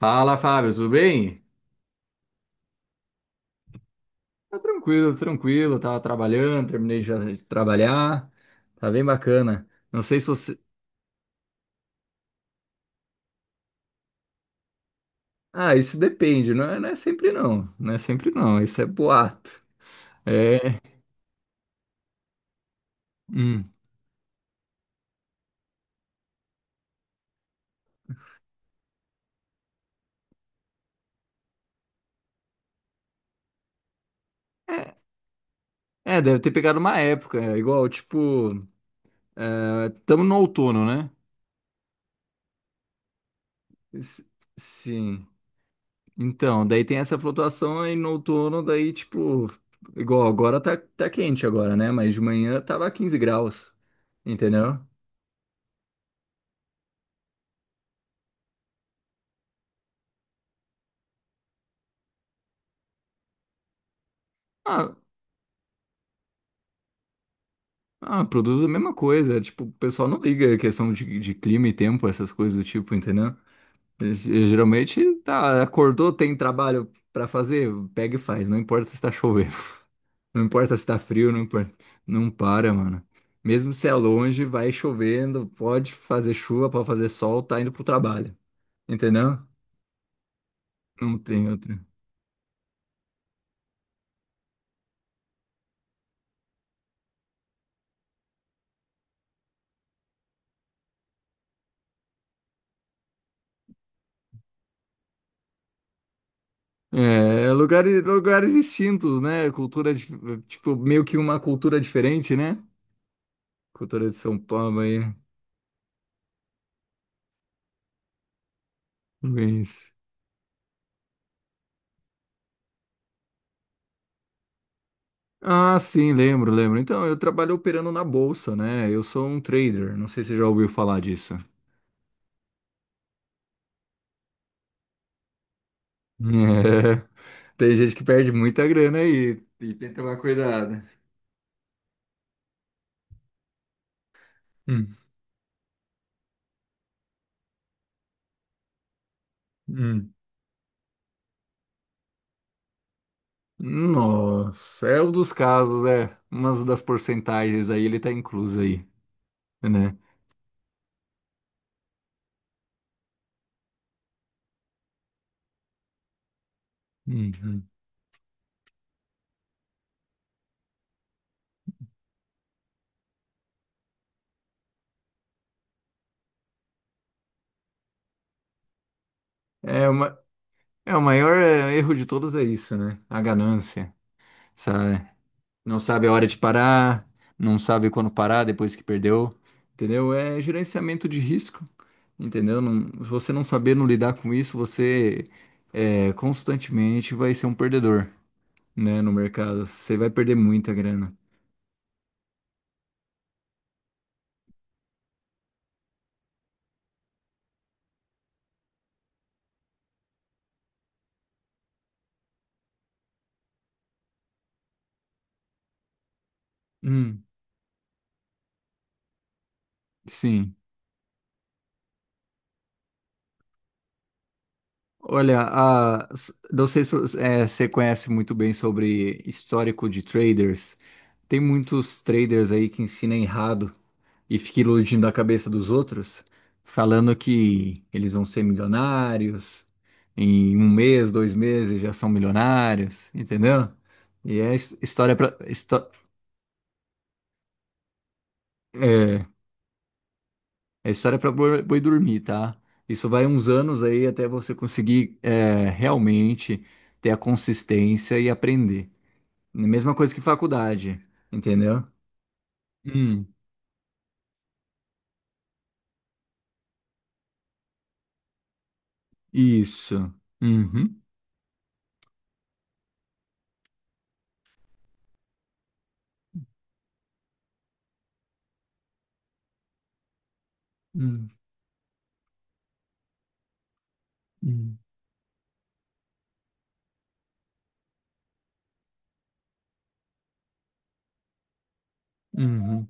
Fala, Fábio, tudo bem? Tá tranquilo, tranquilo. Tava trabalhando, terminei já de trabalhar. Tá bem bacana. Não sei se você. Ah, isso depende, não é, não é sempre não. Não é sempre não, isso é boato. É, hum. É, deve ter pegado uma época, é, igual, tipo, estamos no outono, né? S- Sim. Então, daí tem essa flutuação aí no outono, daí, tipo, igual agora tá quente agora, né? Mas de manhã tava 15 graus, entendeu? Ah, produz a mesma coisa. É, tipo, o pessoal não liga a questão de clima e tempo, essas coisas do tipo, entendeu? Geralmente, tá, acordou, tem trabalho pra fazer, pega e faz. Não importa se tá chovendo, não importa se tá frio, não importa. Não para, mano. Mesmo se é longe, vai chovendo, pode fazer chuva, pode fazer sol, tá indo pro trabalho, entendeu? Não tem outra. É, lugares, lugares distintos, né? Tipo, meio que uma cultura diferente, né? Cultura de São Paulo aí. Luiz. Ah, sim, lembro, lembro. Então, eu trabalho operando na bolsa, né? Eu sou um trader. Não sei se você já ouviu falar disso. É. Tem gente que perde muita grana aí e tem que tomar cuidado. Hum, hum. Nossa, é um dos casos, é. Uma das porcentagens aí, ele tá incluso aí, né? Uhum. É, uma, é o maior é, erro de todos é isso, né? A ganância, sabe? Não sabe a hora de parar, não sabe quando parar depois que perdeu, entendeu? É gerenciamento de risco, entendeu? Não, se você não saber não lidar com isso, você é, constantemente vai ser um perdedor, né, no mercado. Você vai perder muita grana. Hum, sim. Olha, não sei se é, você conhece muito bem sobre histórico de traders. Tem muitos traders aí que ensinam errado e fica iludindo a cabeça dos outros, falando que eles vão ser milionários, em um mês, 2 meses já são milionários, entendeu? E é his- história pra, histó é, é história pra boi dormir, tá? Isso vai uns anos aí até você conseguir é, realmente ter a consistência e aprender. Mesma coisa que faculdade, entendeu? Hum, isso. Uhum. Hum, hum, uhum.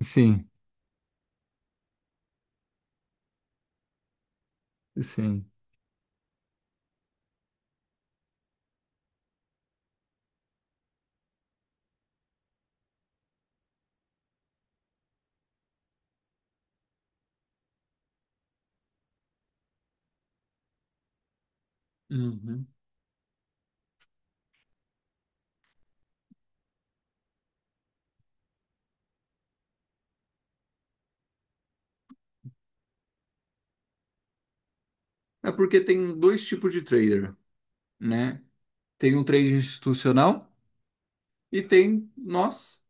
Sim, sim. Uhum. É porque tem dois tipos de trader, né? Tem um trader institucional e tem nós,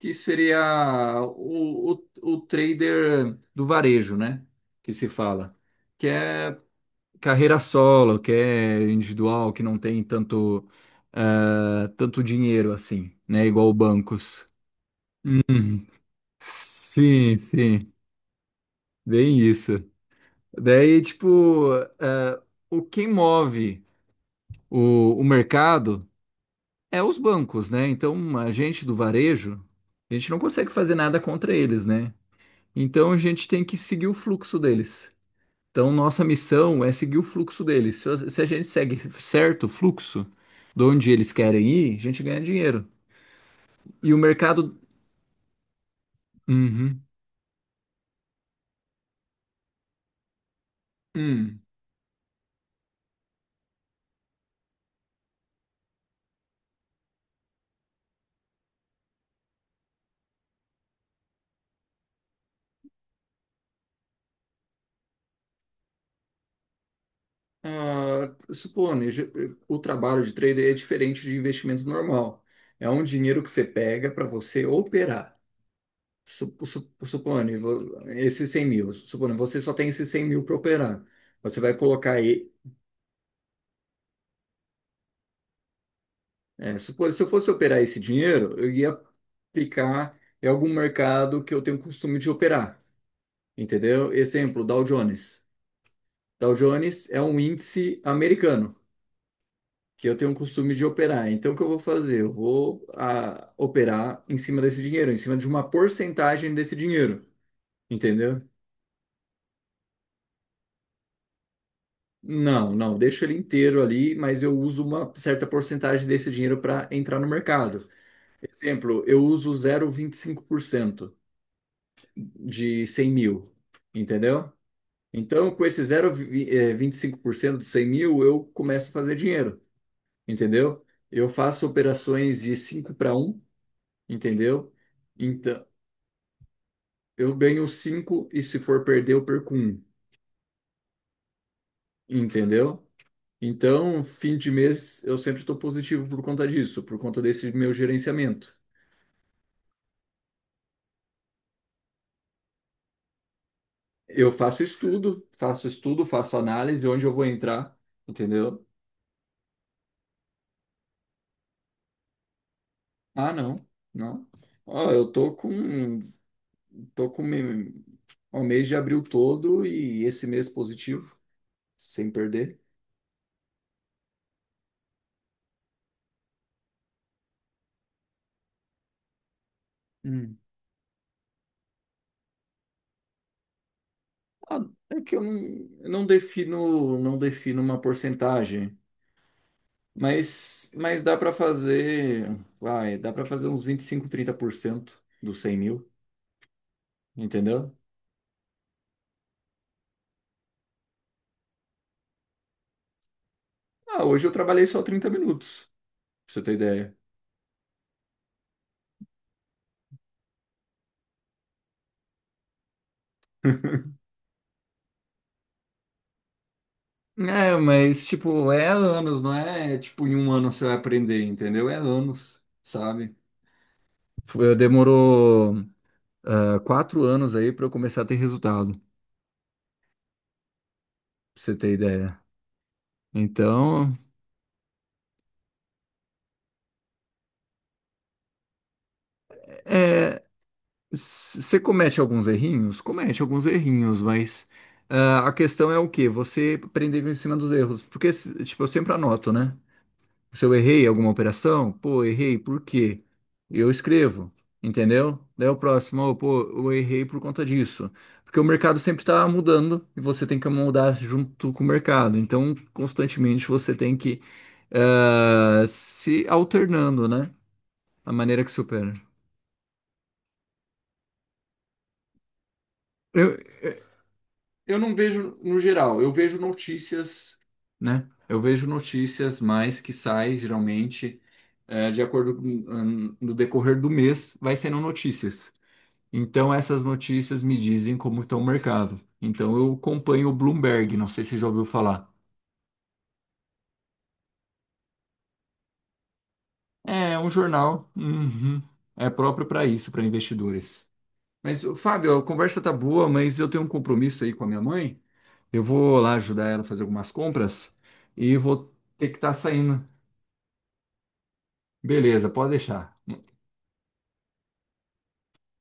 que seria o, o, o trader do varejo, né? Que se fala. Que é carreira solo, que é individual, que não tem tanto dinheiro assim, né? Igual bancos. Uhum. Sim, sim, bem isso. Daí, tipo, eh, o que move o mercado é os bancos, né? Então, a gente do varejo, a gente não consegue fazer nada contra eles, né? Então, a gente tem que seguir o fluxo deles. Então, nossa missão é seguir o fluxo deles. Se a gente segue certo o fluxo de onde eles querem ir, a gente ganha dinheiro. E o mercado. Uhum. Hum. Ah, supone, o trabalho de trader é diferente de investimento normal. É um dinheiro que você pega para você operar. Supone, esses 100 mil, supone, você só tem esses 100 mil para operar. Você vai colocar aí, é, supone, se eu fosse operar esse dinheiro, eu ia aplicar em algum mercado que eu tenho costume de operar, entendeu? Exemplo, Dow Jones. Dow Jones é um índice americano que eu tenho costume de operar. Então, o que eu vou fazer? Eu vou operar em cima desse dinheiro, em cima de uma porcentagem desse dinheiro, entendeu? Não, não, deixo ele inteiro ali, mas eu uso uma certa porcentagem desse dinheiro para entrar no mercado. Exemplo, eu uso 0,25% de 100 mil, entendeu? Então, com esse 0,25% de 100 mil, eu começo a fazer dinheiro, entendeu? Eu faço operações de 5 para um, entendeu? Então, eu ganho 5 e se for perder, eu perco um, entendeu? Então, fim de mês eu sempre estou positivo por conta disso, por conta desse meu gerenciamento. Eu faço estudo, faço estudo, faço análise onde eu vou entrar, entendeu? Ah, não, não. Ó, eu tô com me- o mês de abril todo e esse mês positivo, sem perder. Hum. Ah, é que eu não defino, não defino uma porcentagem. Mas dá para fazer, vai, dá para fazer uns 25 30% dos 100 mil, entendeu? Ah, hoje eu trabalhei só 30 minutos, pra você ter ideia. É, mas tipo, é anos, não é tipo em um ano você vai aprender, entendeu? É anos, sabe? Demorou 4 anos aí para eu começar a ter resultado, pra você ter ideia. Então, é, você comete alguns errinhos? Comete alguns errinhos, mas a questão é o quê? Você aprender em cima dos erros. Porque, tipo, eu sempre anoto, né? Se eu errei alguma operação, pô, errei, por quê? Eu escrevo, entendeu? Daí o próximo, "Ô, pô, eu errei por conta disso." Porque o mercado sempre está mudando e você tem que mudar junto com o mercado. Então, constantemente você tem que se alternando, né? A maneira que supera. Eu não vejo no geral, eu vejo notícias, né? Eu vejo notícias mais que saem geralmente de acordo com, no decorrer do mês, vai sendo notícias. Então essas notícias me dizem como está o mercado. Então eu acompanho o Bloomberg, não sei se você já ouviu falar. É um jornal, uhum, é próprio para isso, para investidores. Mas, ô, Fábio, a conversa tá boa, mas eu tenho um compromisso aí com a minha mãe. Eu vou lá ajudar ela a fazer algumas compras e vou ter que estar saindo. Beleza, pode deixar.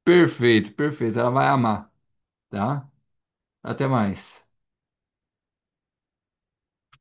Perfeito, perfeito. Ela vai amar, tá? Até mais.